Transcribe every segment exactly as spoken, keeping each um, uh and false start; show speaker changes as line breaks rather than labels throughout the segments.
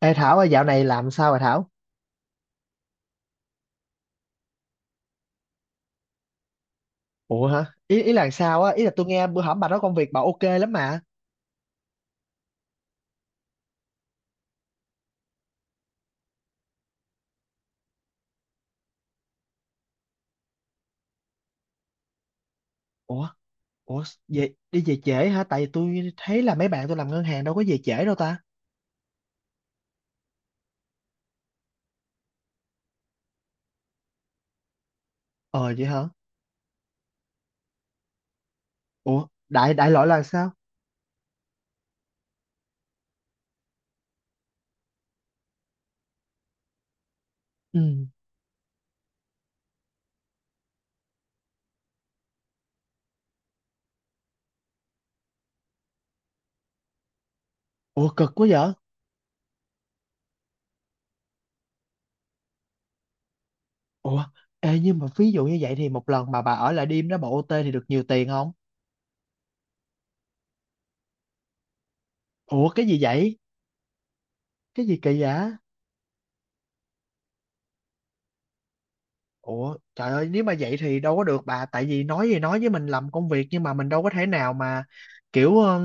Ê Thảo ơi, dạo này làm sao vậy Thảo? Ủa hả? Ý ý là sao á? Ý là tôi nghe bữa hổm bà nói công việc bà ok lắm mà. Ủa? Ủa? Về, đi về trễ hả? Tại vì tôi thấy là mấy bạn tôi làm ngân hàng đâu có về trễ đâu ta. Ờ vậy hả? Ủa? Đại đại loại là sao? Ừ. Ủa cực quá vậy? Ủa? Ê nhưng mà ví dụ như vậy thì một lần mà bà ở lại đêm đó bà âu ti thì được nhiều tiền không? Ủa cái gì vậy? Cái gì kỳ vậy? Ủa trời ơi nếu mà vậy thì đâu có được bà, tại vì nói gì nói với mình làm công việc nhưng mà mình đâu có thể nào mà kiểu ờ,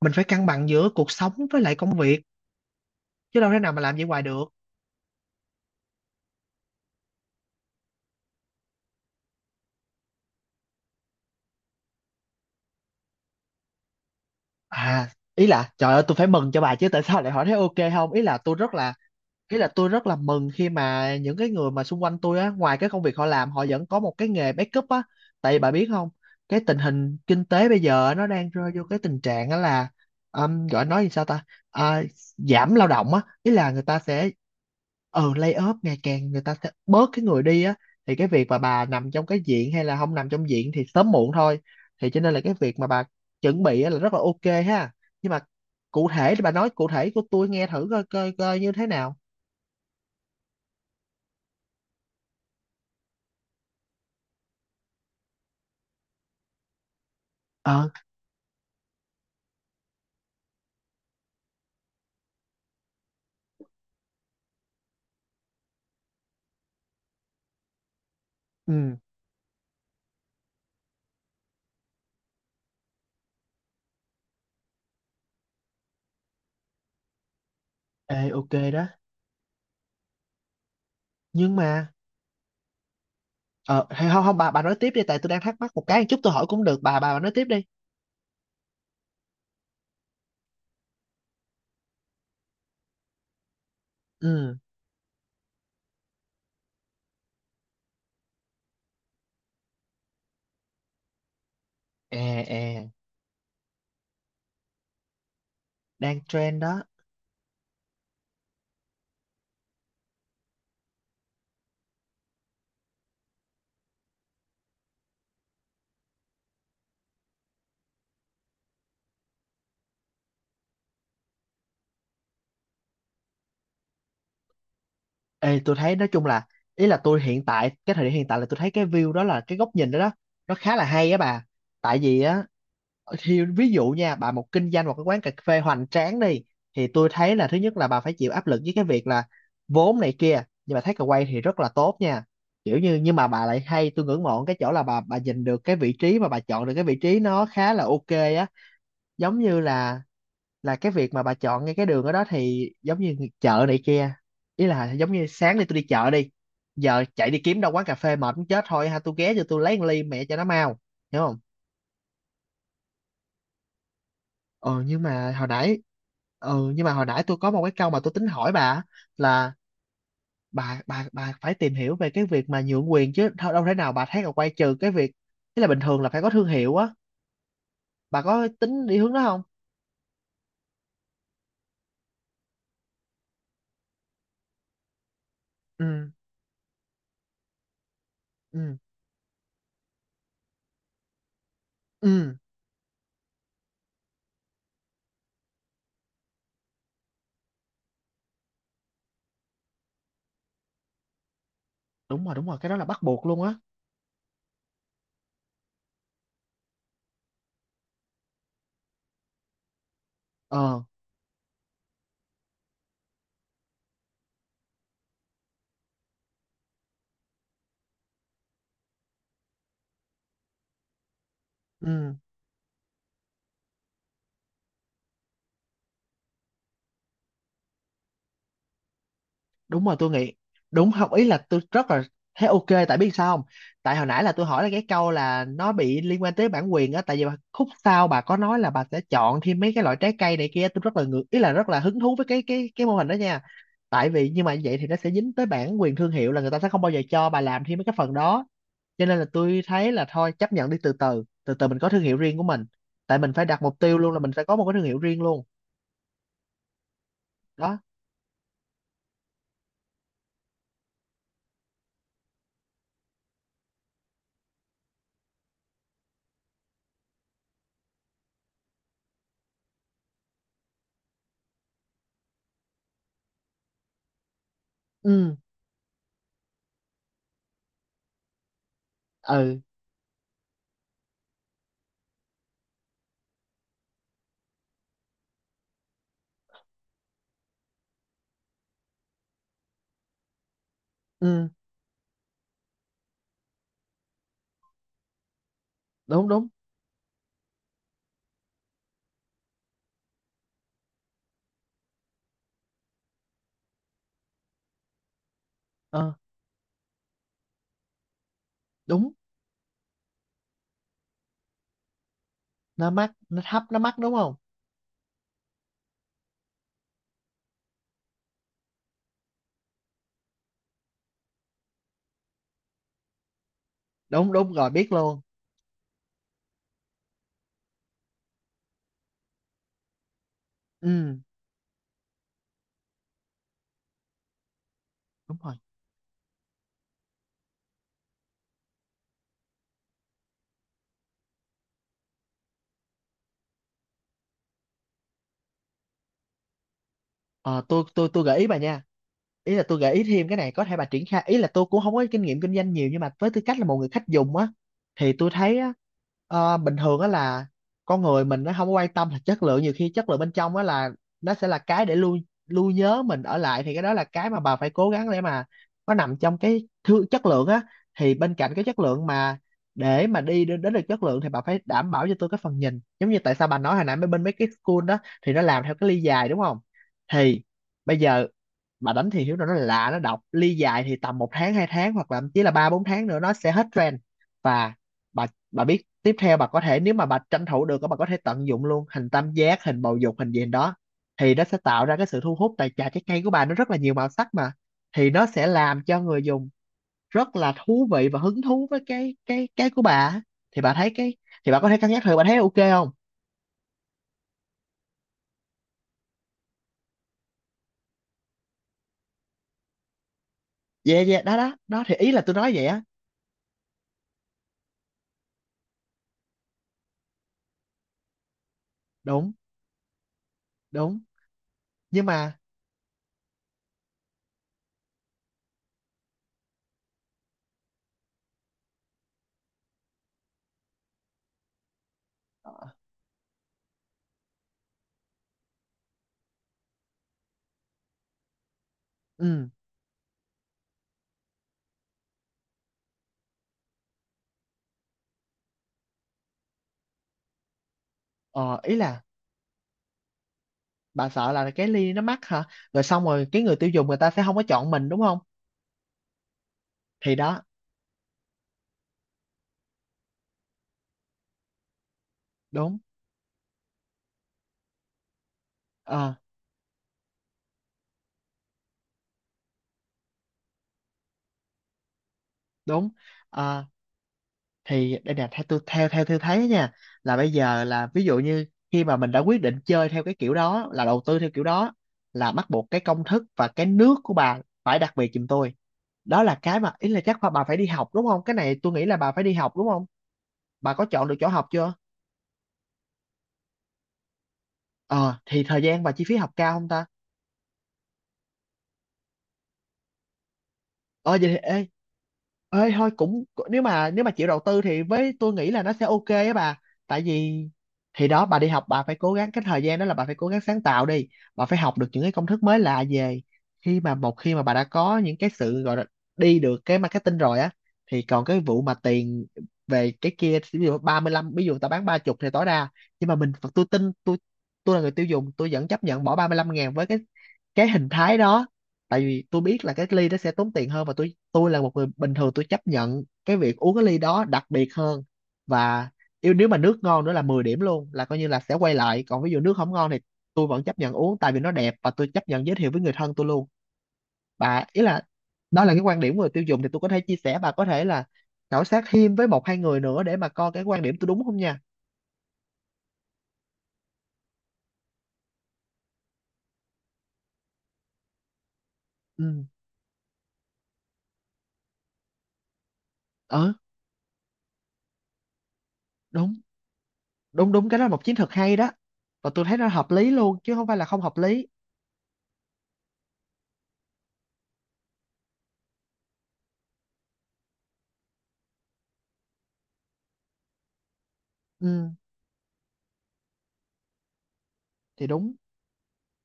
mình phải cân bằng giữa cuộc sống với lại công việc, chứ đâu thể nào mà làm vậy hoài được. À, ý là trời ơi tôi phải mừng cho bà chứ, tại sao lại hỏi thấy ok không. Ý là tôi rất là, ý là tôi rất là mừng khi mà những cái người mà xung quanh tôi á, ngoài cái công việc họ làm họ vẫn có một cái nghề backup á. Tại vì bà biết không, cái tình hình kinh tế bây giờ nó đang rơi vô cái tình trạng á là um, gọi nói gì sao ta. À, giảm lao động á, ý là người ta sẽ, ừ lay off ngày càng người ta sẽ bớt cái người đi á, thì cái việc mà bà nằm trong cái diện hay là không nằm trong diện thì sớm muộn thôi. Thì cho nên là cái việc mà bà chuẩn bị á là rất là ok ha. Nhưng mà cụ thể thì bà nói cụ thể của tôi nghe thử coi coi coi như thế nào. Ờ. Ừ. Ê ok đó. Nhưng mà, ờ hay không không bà, bà nói tiếp đi tại tôi đang thắc mắc một cái chút, tôi hỏi cũng được bà bà, bà nói tiếp đi. Ừ. À à. Đang trend đó. Ê tôi thấy nói chung là, ý là tôi hiện tại cái thời điểm hiện tại là tôi thấy cái view đó, là cái góc nhìn đó đó nó khá là hay á bà. Tại vì á, ờ, thì ví dụ nha bà, một kinh doanh một cái quán cà phê hoành tráng đi thì tôi thấy là thứ nhất là bà phải chịu áp lực với cái việc là vốn này kia, nhưng mà thấy cà quay thì rất là tốt nha. Kiểu như nhưng mà bà lại hay, tôi ngưỡng mộ cái chỗ là bà bà nhìn được cái vị trí, mà bà chọn được cái vị trí nó khá là ok á. Giống như là là cái việc mà bà chọn ngay cái đường ở đó thì giống như chợ này kia, ý là giống như sáng đi tôi đi chợ đi, giờ chạy đi kiếm đâu quán cà phê mệt muốn chết thôi, ha tôi ghé cho tôi lấy một ly mẹ cho nó mau, hiểu. Ờ nhưng mà hồi nãy, ừ nhưng mà hồi nãy tôi có một cái câu mà tôi tính hỏi bà á, là bà bà bà phải tìm hiểu về cái việc mà nhượng quyền chứ đâu, đâu thể nào bà thấy là quay trừ cái việc, tức là bình thường là phải có thương hiệu á, bà có tính đi hướng đó không. Ừ. Ừ. Ừ. Đúng rồi, đúng rồi, cái đó là bắt buộc luôn á. Ờ. Ừ. Đúng rồi tôi nghĩ, đúng không, ý là tôi rất là thấy ok, tại biết sao không, tại hồi nãy là tôi hỏi là cái câu là nó bị liên quan tới bản quyền á, tại vì khúc sau bà có nói là bà sẽ chọn thêm mấy cái loại trái cây này kia, tôi rất là ngược, ý là rất là hứng thú với cái cái cái mô hình đó nha. Tại vì nhưng mà vậy thì nó sẽ dính tới bản quyền thương hiệu, là người ta sẽ không bao giờ cho bà làm thêm mấy cái phần đó, cho nên là tôi thấy là thôi chấp nhận đi, từ từ từ từ mình có thương hiệu riêng của mình. Tại mình phải đặt mục tiêu luôn là mình phải có một cái thương hiệu riêng luôn. Đó. Ừ. Ừ. Ừ. Đúng đúng. Ờ đúng, nó mắc nó thấp nó mắc đúng không. Đúng, đúng rồi biết luôn. Ừ đúng rồi. Ờ, tôi tôi tôi gợi ý bà nha. Ý là tôi gợi ý thêm cái này có thể bà triển khai, ý là tôi cũng không có kinh nghiệm kinh doanh nhiều, nhưng mà với tư cách là một người khách dùng á, thì tôi thấy á, ờ, bình thường á là con người mình nó không có quan tâm là chất lượng, nhiều khi chất lượng bên trong á là nó sẽ là cái để lưu, lưu nhớ mình ở lại, thì cái đó là cái mà bà phải cố gắng để mà nó nằm trong cái thứ chất lượng á. Thì bên cạnh cái chất lượng, mà để mà đi đến, đến được chất lượng thì bà phải đảm bảo cho tôi cái phần nhìn, giống như tại sao bà nói hồi nãy mấy bên mấy cái school đó, thì nó làm theo cái ly dài đúng không, thì bây giờ bà đánh thì hiếu nó nó lạ nó độc ly dài thì tầm một tháng hai tháng hoặc là thậm chí là ba bốn tháng nữa nó sẽ hết trend. Và bà, bà biết tiếp theo bà có thể, nếu mà bà tranh thủ được bà có thể tận dụng luôn hình tam giác, hình bầu dục, hình gì đó thì nó sẽ tạo ra cái sự thu hút, tại trà trái cây của bà nó rất là nhiều màu sắc mà, thì nó sẽ làm cho người dùng rất là thú vị và hứng thú với cái cái cái của bà. Thì bà thấy cái, thì bà có thể cân nhắc thử, bà thấy ok không. Dạ dạ, đó đó đó thì ý là tôi nói vậy á. Đúng. Đúng. Nhưng mà, ừ, ờ, ý là bà sợ là cái ly nó mắc hả? Rồi xong rồi cái người tiêu dùng người ta sẽ không có chọn mình đúng không? Thì đó, đúng, ờ, đúng. Ờ, thì đây nè, theo tôi, theo theo tôi thấy nha, là bây giờ là ví dụ như khi mà mình đã quyết định chơi theo cái kiểu đó, là đầu tư theo kiểu đó, là bắt buộc cái công thức và cái nước của bà phải đặc biệt giùm tôi. Đó là cái mà ý là chắc bà phải đi học đúng không? Cái này tôi nghĩ là bà phải đi học đúng không? Bà có chọn được chỗ học chưa? Ờ, thì thời gian và chi phí học cao không ta? Ờ vậy thì ê, ê thôi cũng, nếu mà nếu mà chịu đầu tư thì với tôi nghĩ là nó sẽ ok á bà. Tại vì thì đó, bà đi học bà phải cố gắng, cái thời gian đó là bà phải cố gắng sáng tạo đi, bà phải học được những cái công thức mới lạ về. Khi mà một khi mà bà đã có những cái sự gọi là đi được cái marketing rồi á, thì còn cái vụ mà tiền về cái kia, ví dụ ba mươi lăm, ví dụ ta bán ba chục thì tối đa, nhưng mà mình, tôi tin tôi tôi là người tiêu dùng tôi vẫn chấp nhận bỏ ba mươi lăm ngàn với cái cái hình thái đó, tại vì tôi biết là cái ly đó sẽ tốn tiền hơn, và tôi tôi là một người bình thường tôi chấp nhận cái việc uống cái ly đó đặc biệt hơn. Và yêu, nếu mà nước ngon nữa là mười điểm luôn, là coi như là sẽ quay lại, còn ví dụ nước không ngon thì tôi vẫn chấp nhận uống tại vì nó đẹp, và tôi chấp nhận giới thiệu với người thân tôi luôn. Và ý là, đó là cái quan điểm của người tiêu dùng, thì tôi có thể chia sẻ, bà có thể là khảo sát thêm với một hai người nữa để mà coi cái quan điểm tôi đúng không nha. Ừ. Ờ, đúng đúng đúng, cái đó là một chiến thuật hay đó, và tôi thấy nó hợp lý luôn chứ không phải là không hợp lý. Ừ thì đúng,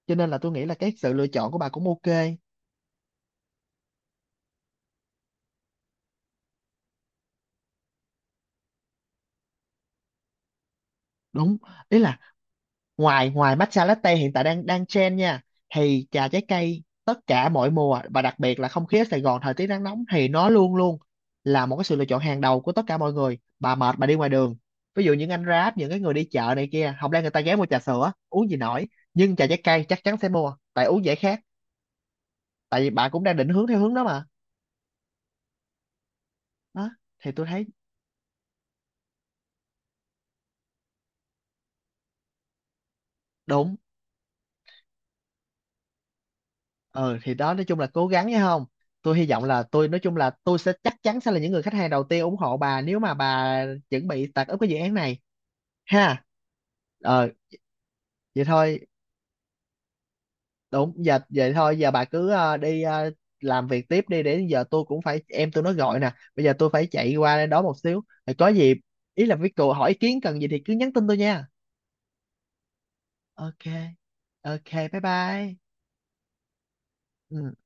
cho nên là tôi nghĩ là cái sự lựa chọn của bà cũng ok. Đúng. Ý là ngoài, ngoài matcha latte hiện tại đang đang trend nha, thì trà trái cây tất cả mọi mùa và đặc biệt là không khí ở Sài Gòn thời tiết nắng nóng thì nó luôn luôn là một cái sự lựa chọn hàng đầu của tất cả mọi người. Bà mệt bà đi ngoài đường, ví dụ những anh Grab, những cái người đi chợ này kia, không lẽ người ta ghé mua trà sữa uống gì nổi, nhưng trà trái cây chắc chắn sẽ mua tại uống dễ khát. Tại vì bà cũng đang định hướng theo hướng đó mà. Đó thì tôi thấy đúng. Ờ thì đó nói chung là cố gắng nhé không. Tôi hy vọng là, tôi nói chung là tôi sẽ, chắc chắn sẽ là những người khách hàng đầu tiên ủng hộ bà nếu mà bà chuẩn bị tạt úp cái dự án này, ha. Ờ vậy thôi. Đúng giờ vậy thôi, giờ bà cứ ờ, đi ờ, làm việc tiếp đi, để giờ tôi cũng phải, em tôi nó gọi nè, bây giờ tôi phải chạy qua đây đó một xíu rồi có gì, ý là với cô hỏi ý kiến cần gì thì cứ nhắn tin tôi nha. Ok ok, bye bye. Ừ.